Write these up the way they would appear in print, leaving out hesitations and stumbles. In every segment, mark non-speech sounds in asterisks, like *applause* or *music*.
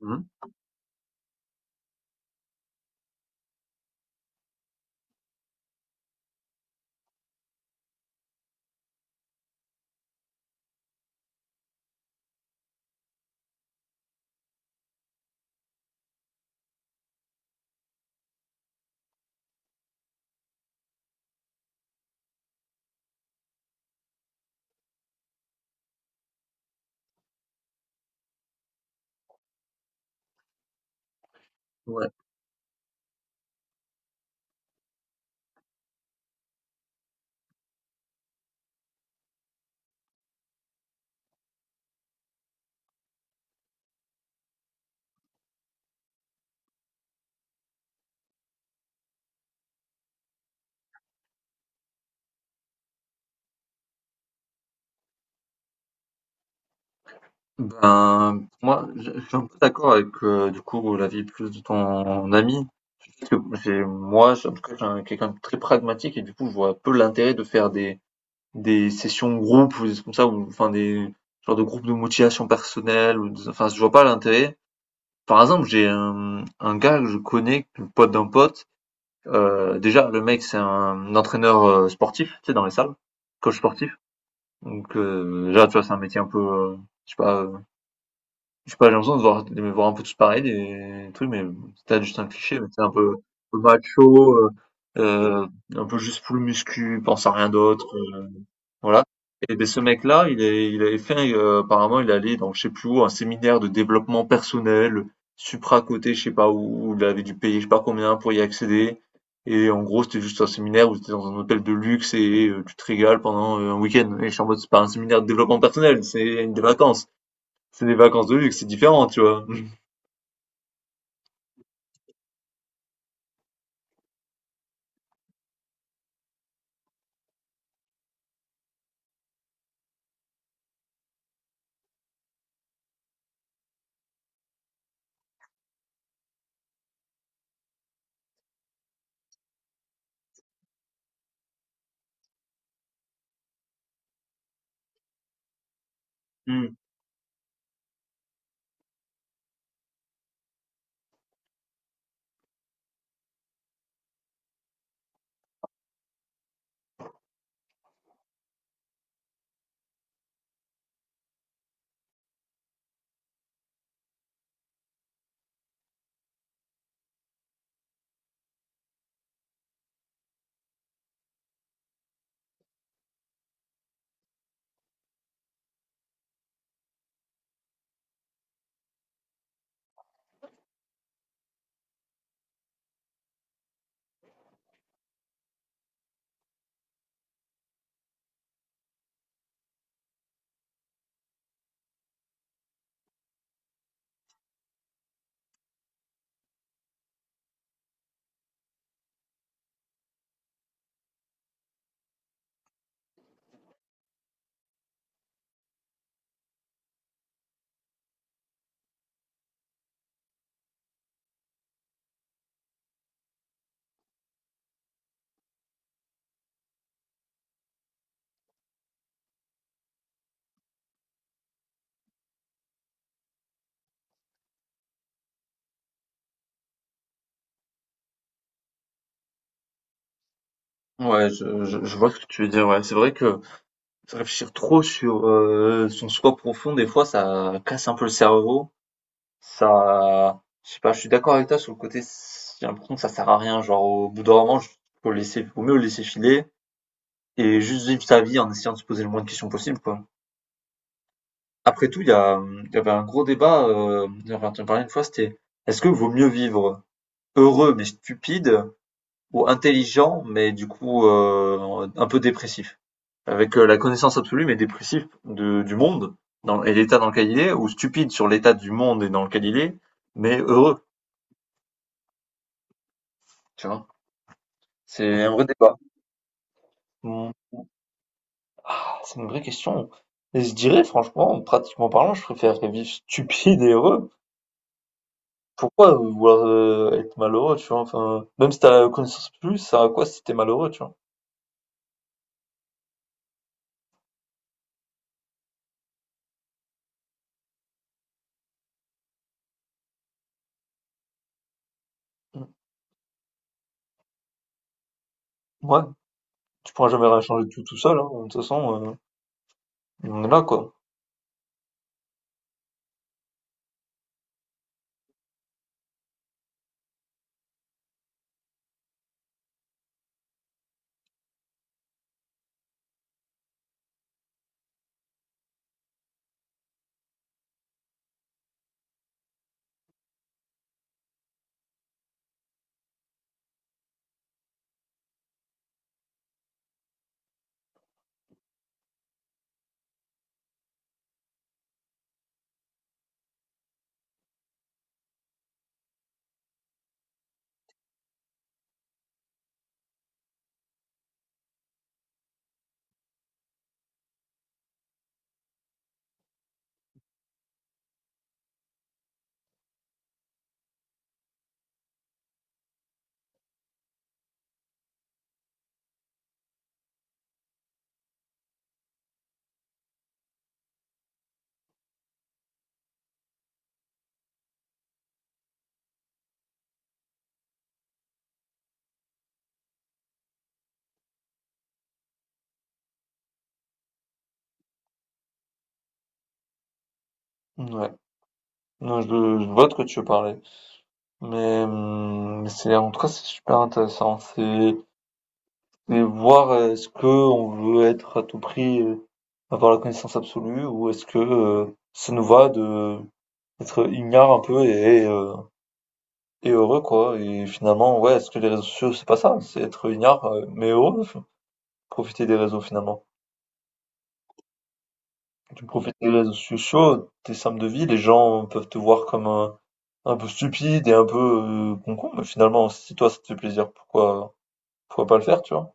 Mmh. Ouais. Ben, pour moi, je suis un peu d'accord avec du coup l'avis plus de ton ami, parce que en tout cas, quelqu'un de très pragmatique et du coup, je vois peu l'intérêt de faire des sessions groupes ou des choses comme ça, ou enfin des genre de groupes de motivation personnelle enfin, je vois pas l'intérêt. Par exemple, j'ai un gars que je connais, le pote d'un pote. Déjà, le mec, c'est un entraîneur sportif, tu sais, dans les salles, coach sportif. Donc déjà, tu vois, c'est un métier un peu, je sais pas je sais pas, j'ai l'impression de voir de me voir un peu tous pareils, des trucs, mais c'était juste un cliché, mais tu un peu macho, heu, un peu juste full muscu, pense à rien d'autre, voilà. Et ben ce mec-là, il avait fait, apparemment il allait dans je sais plus où, un séminaire de développement personnel, supra-coté, je sais pas où, il avait dû payer je sais pas combien pour y accéder et en gros, c'était juste un séminaire où tu étais dans un hôtel de luxe et tu te régales pendant, un week-end et je suis en mode: «C'est pas un séminaire de développement personnel, c'est des vacances». C'est des vacances de luxe, c'est différent, tu vois? *laughs* Mmh. Ouais, je vois ce que tu veux dire. Ouais, c'est vrai que réfléchir trop sur son soi profond, des fois, ça casse un peu le cerveau. Ça, je sais pas, je suis d'accord avec toi sur le côté. J'ai l'impression que ça sert à rien. Genre, au bout d'un moment, faut laisser, faut mieux le laisser filer et juste vivre sa vie en essayant de se poser le moins de questions possible, quoi. Après tout, il y a, il y avait un gros débat. J'en parlais une fois, c'était est-ce que vaut mieux vivre heureux mais stupide ou intelligent, mais du coup un peu dépressif, avec la connaissance absolue mais dépressif de, du monde dans, et l'état dans lequel il est, ou stupide sur l'état du monde et dans lequel il est, mais heureux, tu vois. C'est un vrai débat. Hmm. Ah, c'est une vraie question. Et je dirais, franchement, pratiquement parlant, je préfère vivre stupide et heureux. Pourquoi vouloir être malheureux, tu vois? Enfin, même si t'as la connaissance plus, ça à quoi si t'es malheureux, tu vois? Hmm. Ouais, tu pourras jamais rien changer tout seul, hein. De toute façon, on est là, quoi. Ouais. Non, je vois de quoi tu veux parler. Mais c'est en tout cas c'est super intéressant. C'est voir est-ce que on veut être à tout prix avoir la connaissance absolue ou est-ce que ça nous va de être ignare un peu et heureux quoi. Et finalement ouais est-ce que les réseaux sociaux c'est pas ça, c'est être ignare mais heureux, enfin, profiter des réseaux finalement. Tu profites des réseaux sociaux, tes sommes de vie, les gens peuvent te voir comme un peu stupide et un peu, con-con, mais finalement, si toi ça te fait plaisir, pourquoi pas le faire, tu vois?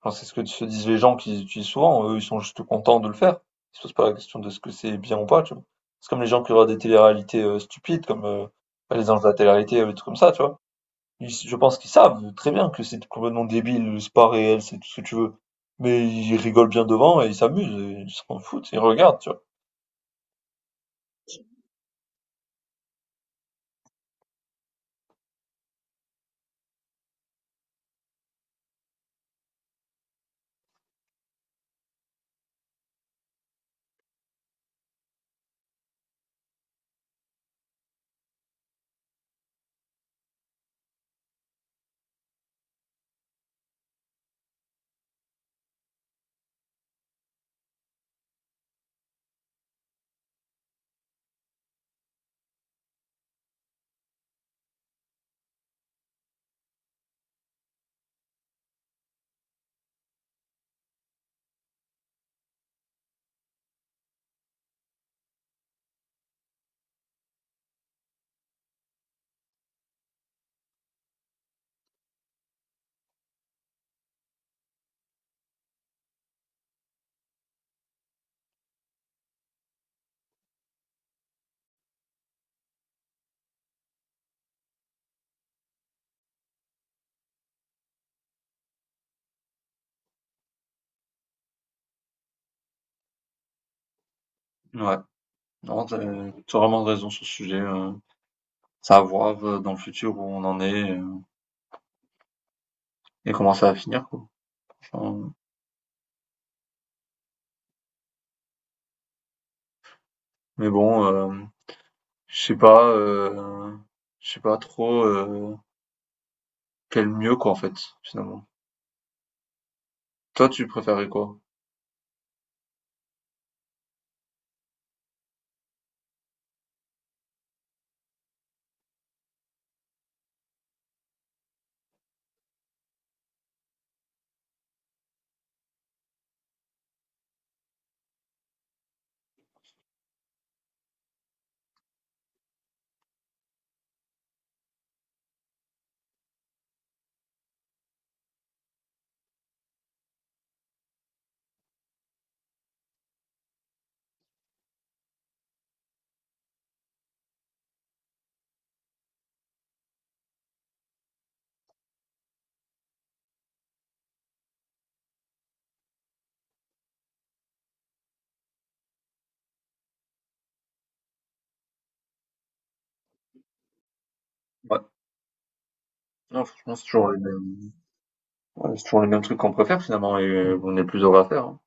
Enfin, c'est ce que se disent les gens qui les utilisent souvent, eux, ils sont juste contents de le faire. Ils se posent pas la question de ce que c'est bien ou pas, tu vois? C'est comme les gens qui regardent des téléréalités, stupides comme, bah, Les Anges de la télé-réalité, des trucs comme ça, tu vois? Ils Je pense qu'ils savent très bien que c'est complètement débile, c'est pas réel, c'est tout ce que tu veux, mais ils rigolent bien devant et ils s'amusent et ils s'en foutent, ils regardent, tu vois? Ouais, non, t'as as vraiment raison sur ce sujet, c'est à voir, dans le futur où on en est. Et comment ça va finir, quoi. Enfin, mais bon, je sais pas, euh, je sais pas trop quel mieux, quoi, en fait, finalement. Toi, tu préférais quoi? Ouais. Non, franchement, c'est toujours les mêmes, ouais, c'est toujours les mêmes trucs qu'on préfère, finalement, et on est plus heureux à faire. Hein.